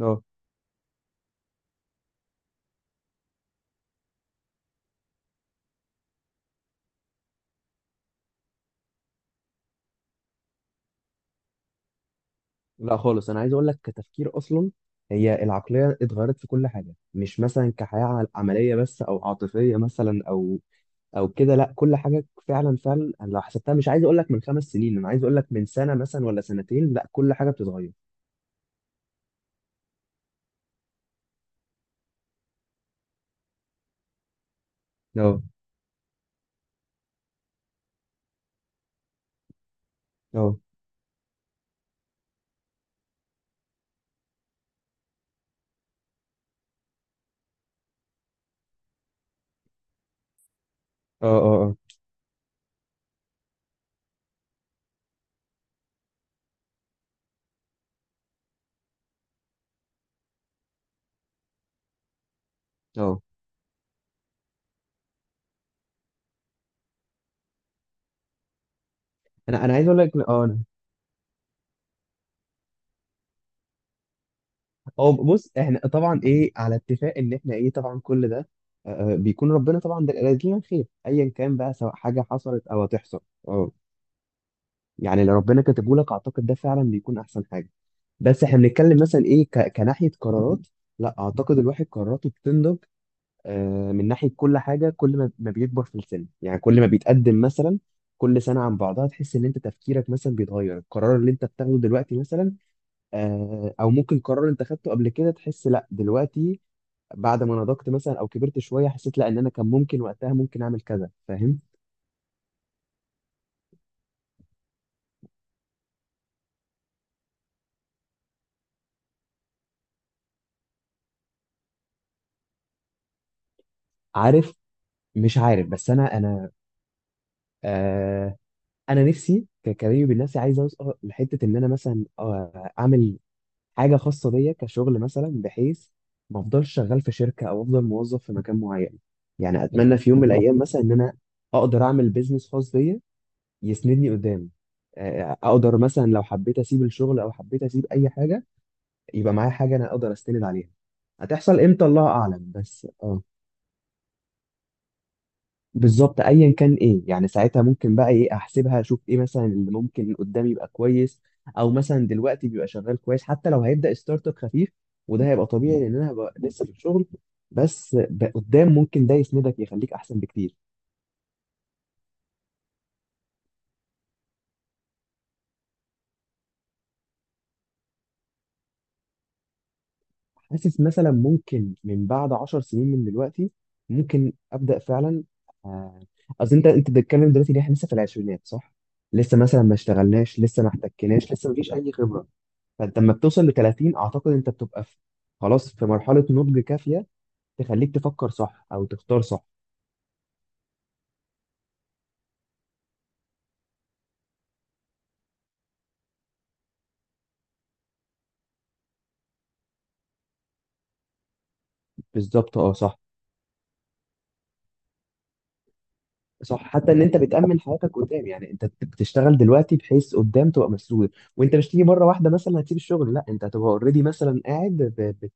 اه، لا خالص. انا عايز اقول لك كتفكير اصلا هي العقليه اتغيرت في كل حاجه، مش مثلا كحياه عمليه بس او عاطفيه مثلا او كده. لا، كل حاجه فعلا فعلا. أنا لو حسبتها مش عايز اقول لك من 5 سنين، انا عايز اقول لك من سنه مثلا ولا سنتين. لا، كل حاجه بتتغير. اه اه اه اه اه اه. انا عايز اقول لك اه، بص احنا طبعا ايه على اتفاق ان احنا ايه طبعا كل ده. بيكون ربنا طبعا ده لنا خير ايا كان بقى، سواء حاجه حصلت او هتحصل. اه، يعني لو ربنا كاتبه لك اعتقد ده فعلا بيكون احسن حاجه. بس احنا بنتكلم مثلا ايه كناحيه قرارات. لا، اعتقد الواحد قراراته بتنضج. من ناحيه كل حاجه، كل ما بيكبر في السن، يعني كل ما بيتقدم مثلا كل سنه عن بعضها تحس ان انت تفكيرك مثلا بيتغير، القرار اللي انت بتاخده دلوقتي مثلا. او ممكن قرار انت خدته قبل كده، تحس لا دلوقتي بعد ما نضجت مثلا او كبرت شويه حسيت لا ان انا كان ممكن وقتها ممكن اعمل كذا، فاهم. عارف، مش عارف، بس انا آه، انا نفسي ككريم بالنفسي عايز اوصل لحته ان انا مثلا اعمل حاجه خاصه بيا كشغل، مثلا بحيث ما افضلش شغال في شركه او افضل موظف في مكان معين. يعني اتمنى في يوم من الايام مثلا ان انا اقدر اعمل بيزنس خاص بيا يسندني قدام. اقدر مثلا لو حبيت اسيب الشغل او حبيت اسيب اي حاجه يبقى معايا حاجه انا اقدر استند عليها. هتحصل امتى الله اعلم، بس. بالظبط ايا كان ايه، يعني ساعتها ممكن بقى ايه احسبها اشوف ايه مثلا اللي ممكن قدامي يبقى كويس، او مثلا دلوقتي بيبقى شغال كويس حتى لو هيبدا ستارت اب خفيف. وده هيبقى طبيعي لان انا هبقى لسه في الشغل، بس قدام ممكن ده يسندك يخليك احسن بكتير. حاسس مثلا ممكن من بعد 10 سنين من دلوقتي ممكن ابدا فعلا. آه، اصل انت بتتكلم دلوقتي ان احنا لسه في العشرينات صح، لسه مثلا ما اشتغلناش، لسه ما احتكناش، لسه ما فيش اي خبره. فانت لما بتوصل ل 30 اعتقد انت بتبقى في خلاص في مرحله نضج كافيه تخليك تفكر صح او تختار صح. بالظبط اه، صح صح. حتى ان انت بتامن حياتك قدام، يعني انت بتشتغل دلوقتي بحيث قدام تبقى مسؤول. وانت مش تيجي مره واحده مثلا هتسيب الشغل، لا انت هتبقى اوريدي مثلا قاعد ب- بت...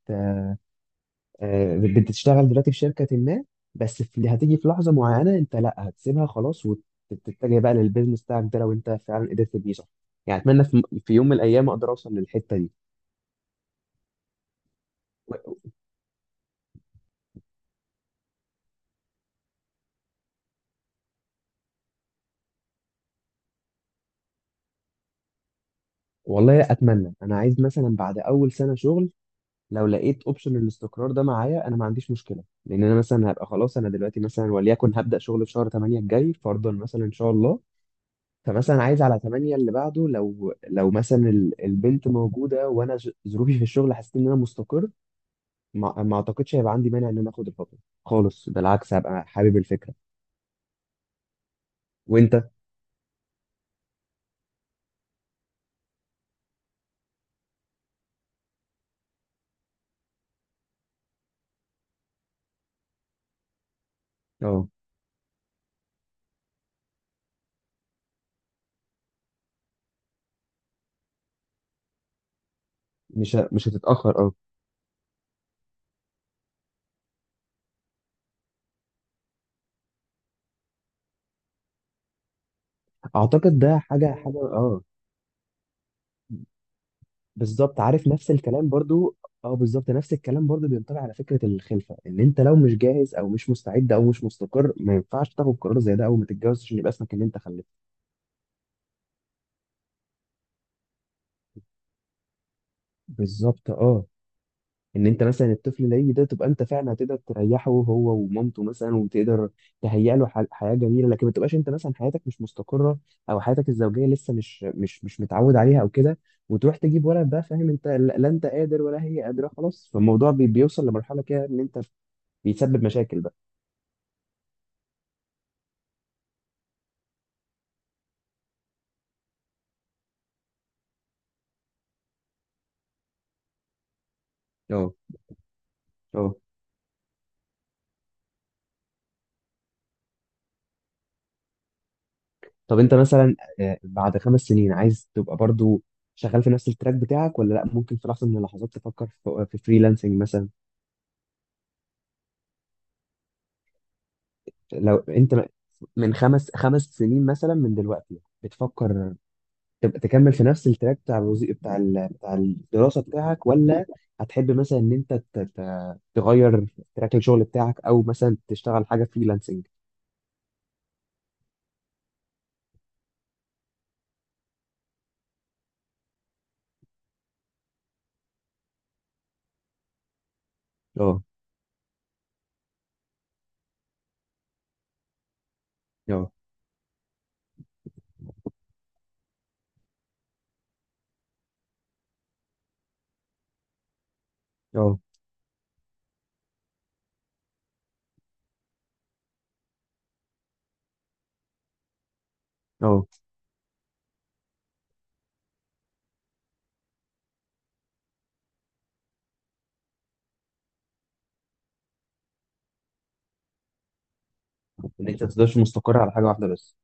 آه، بتشتغل دلوقتي في شركه ما، بس هتيجي في لحظه معينه انت لا هتسيبها خلاص وتتجه بقى للبيزنس بتاعك ده لو انت فعلا قدرت تبنيه صح. يعني اتمنى في يوم من الايام اقدر اوصل للحته دي. والله اتمنى. انا عايز مثلا بعد اول سنه شغل لو لقيت اوبشن الاستقرار ده معايا انا ما عنديش مشكله، لان انا مثلا هبقى خلاص. انا دلوقتي مثلا، وليكن هبدا شغل في شهر 8 الجاي فرضا مثلا ان شاء الله، فمثلا عايز على 8 اللي بعده، لو مثلا البنت موجوده وانا ظروفي في الشغل حسيت ان انا مستقر، ما اعتقدش هيبقى عندي مانع ان انا اخد الخطوه خالص. بالعكس هبقى حابب الفكره. وانت. اه مش هتتاخر اه. اعتقد ده حاجه حاجه اه. بالظبط عارف نفس الكلام برضو. اه، بالظبط نفس الكلام برضو بينطبق على فكره الخلفه، ان انت لو مش جاهز او مش مستعد او مش مستقر ما ينفعش تاخد قرار زي ده اول ما تتجوز عشان يبقى اسمك ان انت خلفت. بالظبط اه. ان انت مثلا الطفل اللي هيجي ده تبقى انت فعلا هتقدر تريحه هو ومامته مثلا وتقدر تهيئ له حياه جميله، لكن ما تبقاش انت مثلا حياتك مش مستقره او حياتك الزوجيه لسه مش متعود عليها او كده وتروح تجيب ولد بقى فاهم انت، لا لا، انت قادر ولا هي قادره، خلاص فالموضوع بيوصل لمرحله كده ان انت بيسبب مشاكل بقى. اه اه. طب انت مثلا بعد 5 سنين عايز تبقى برضو شغال في نفس التراك بتاعك، ولا لا ممكن في لحظة من اللحظات تفكر في فريلانسنج مثلا. لو انت من خمس سنين مثلا من دلوقتي بتفكر تبقى تكمل في نفس التراك بتاع الوظيفة بتاع بتاع الدراسة بتاعك، ولا هتحب مثلا ان انت تغير تراك الشغل بتاعك، او مثلا تشتغل حاجة فريلانسنج. اه اه اه اه، ان انت تفضلش مستقر على حاجة واحدة بس.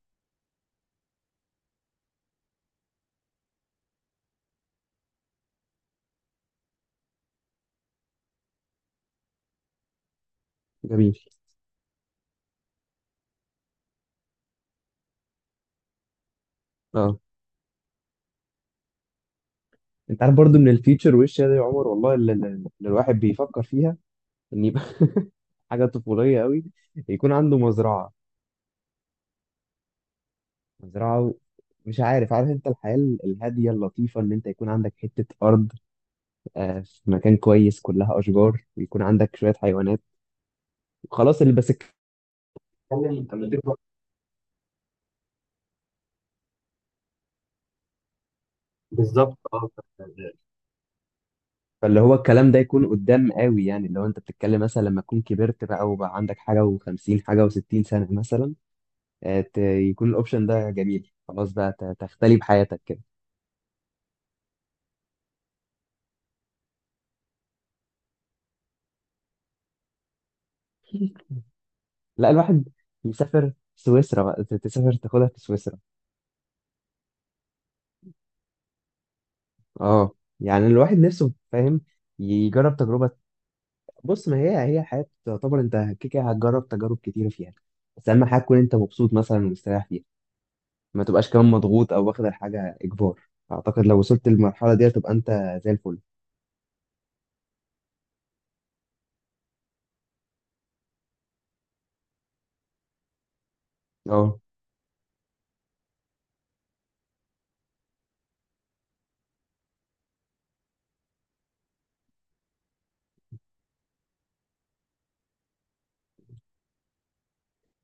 جميل اه. انت عارف برضو من الفيتشر وش يا عمر والله اللي الواحد بيفكر فيها ان يبقى حاجه طفوليه قوي، يكون عنده مزرعه. مزرعه مش عارف، عارف انت الحياه الهاديه اللطيفه، ان انت يكون عندك حته ارض في مكان كويس كلها اشجار ويكون عندك شويه حيوانات وخلاص اللي بس بتتكلم لما تكبر. بالظبط اه. فاللي هو الكلام ده يكون قدام قوي، يعني اللي هو انت بتتكلم مثلا لما تكون كبرت بقى وبقى عندك حاجه و50 حاجه و60 سنه مثلا. يكون الاوبشن ده جميل، خلاص بقى تختلي بحياتك كده. لا، الواحد يسافر سويسرا بقى تسافر تاخدها في سويسرا. اه، يعني الواحد نفسه فاهم يجرب تجربة. بص، ما هي الحياة تعتبر انت كده كده هتجرب تجارب كتيرة فيها، بس اهم حاجة تكون انت مبسوط مثلا ومستريح فيها ما تبقاش كمان مضغوط او واخد الحاجة اجبار. اعتقد لو وصلت للمرحلة دي هتبقى انت زي الفل. اه،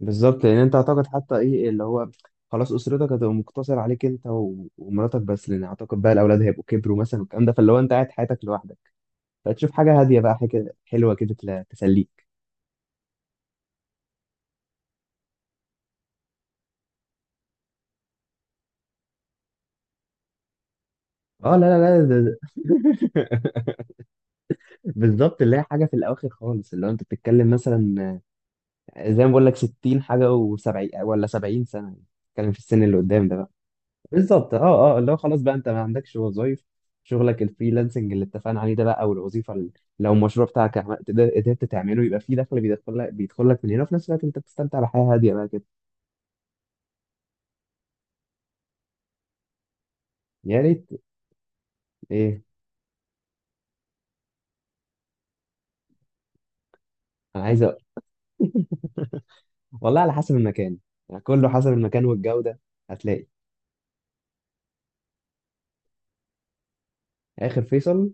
بالظبط لان انت اعتقد حتى ايه اللي هو خلاص، اسرتك هتبقى مقتصر عليك انت ومراتك بس لان اعتقد بقى الاولاد هيبقوا كبروا مثلا والكلام ده. فاللي هو انت قاعد حياتك لوحدك فتشوف حاجه هاديه بقى، حاجه حلوه كده تسليك. اه، لا لا لا بالظبط اللي هي حاجه في الاواخر خالص، اللي هو انت بتتكلم مثلا زي ما بقول لك 60 حاجه و70 ولا 70 سنه، بتتكلم في السن اللي قدام ده. بالظبط اه اه. اللي هو خلاص بقى انت ما عندكش وظايف، شغلك الفريلانسنج اللي اتفقنا عليه ده بقى او الوظيفه اللي لو المشروع بتاعك قدرت تعمله يبقى في دخل بيدخل لك من هنا وفي نفس الوقت انت بتستمتع بحياه هاديه بقى كده. يا ريت. ايه، انا عايز والله على حسب المكان، يعني كله حسب المكان والجوده. هتلاقي. اخر فيصل.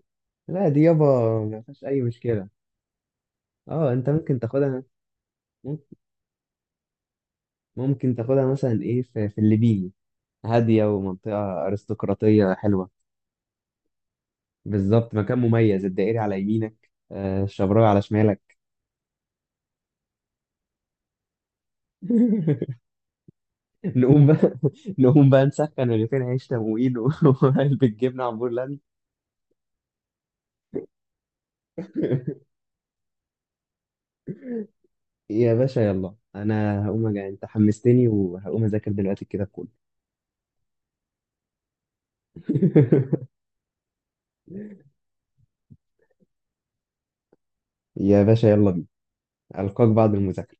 لا دي يابا، ما فيهاش اي مشكله. اه انت ممكن تاخدها، ممكن ممكن تاخدها مثلا ايه في الليبيني، هاديه ومنطقه ارستقراطيه حلوه. بالظبط مكان مميز، الدائري على يمينك، الشبراوي على شمالك. نقوم بقى نقوم بقى نسخن رغيفين عيش تموين وعلبة جبنة عمبور لاند. يا باشا، يلا انا هقوم انت حمستني وهقوم اذاكر دلوقتي كده كله. يا باشا يلا بينا. القاك بعد المذاكرة.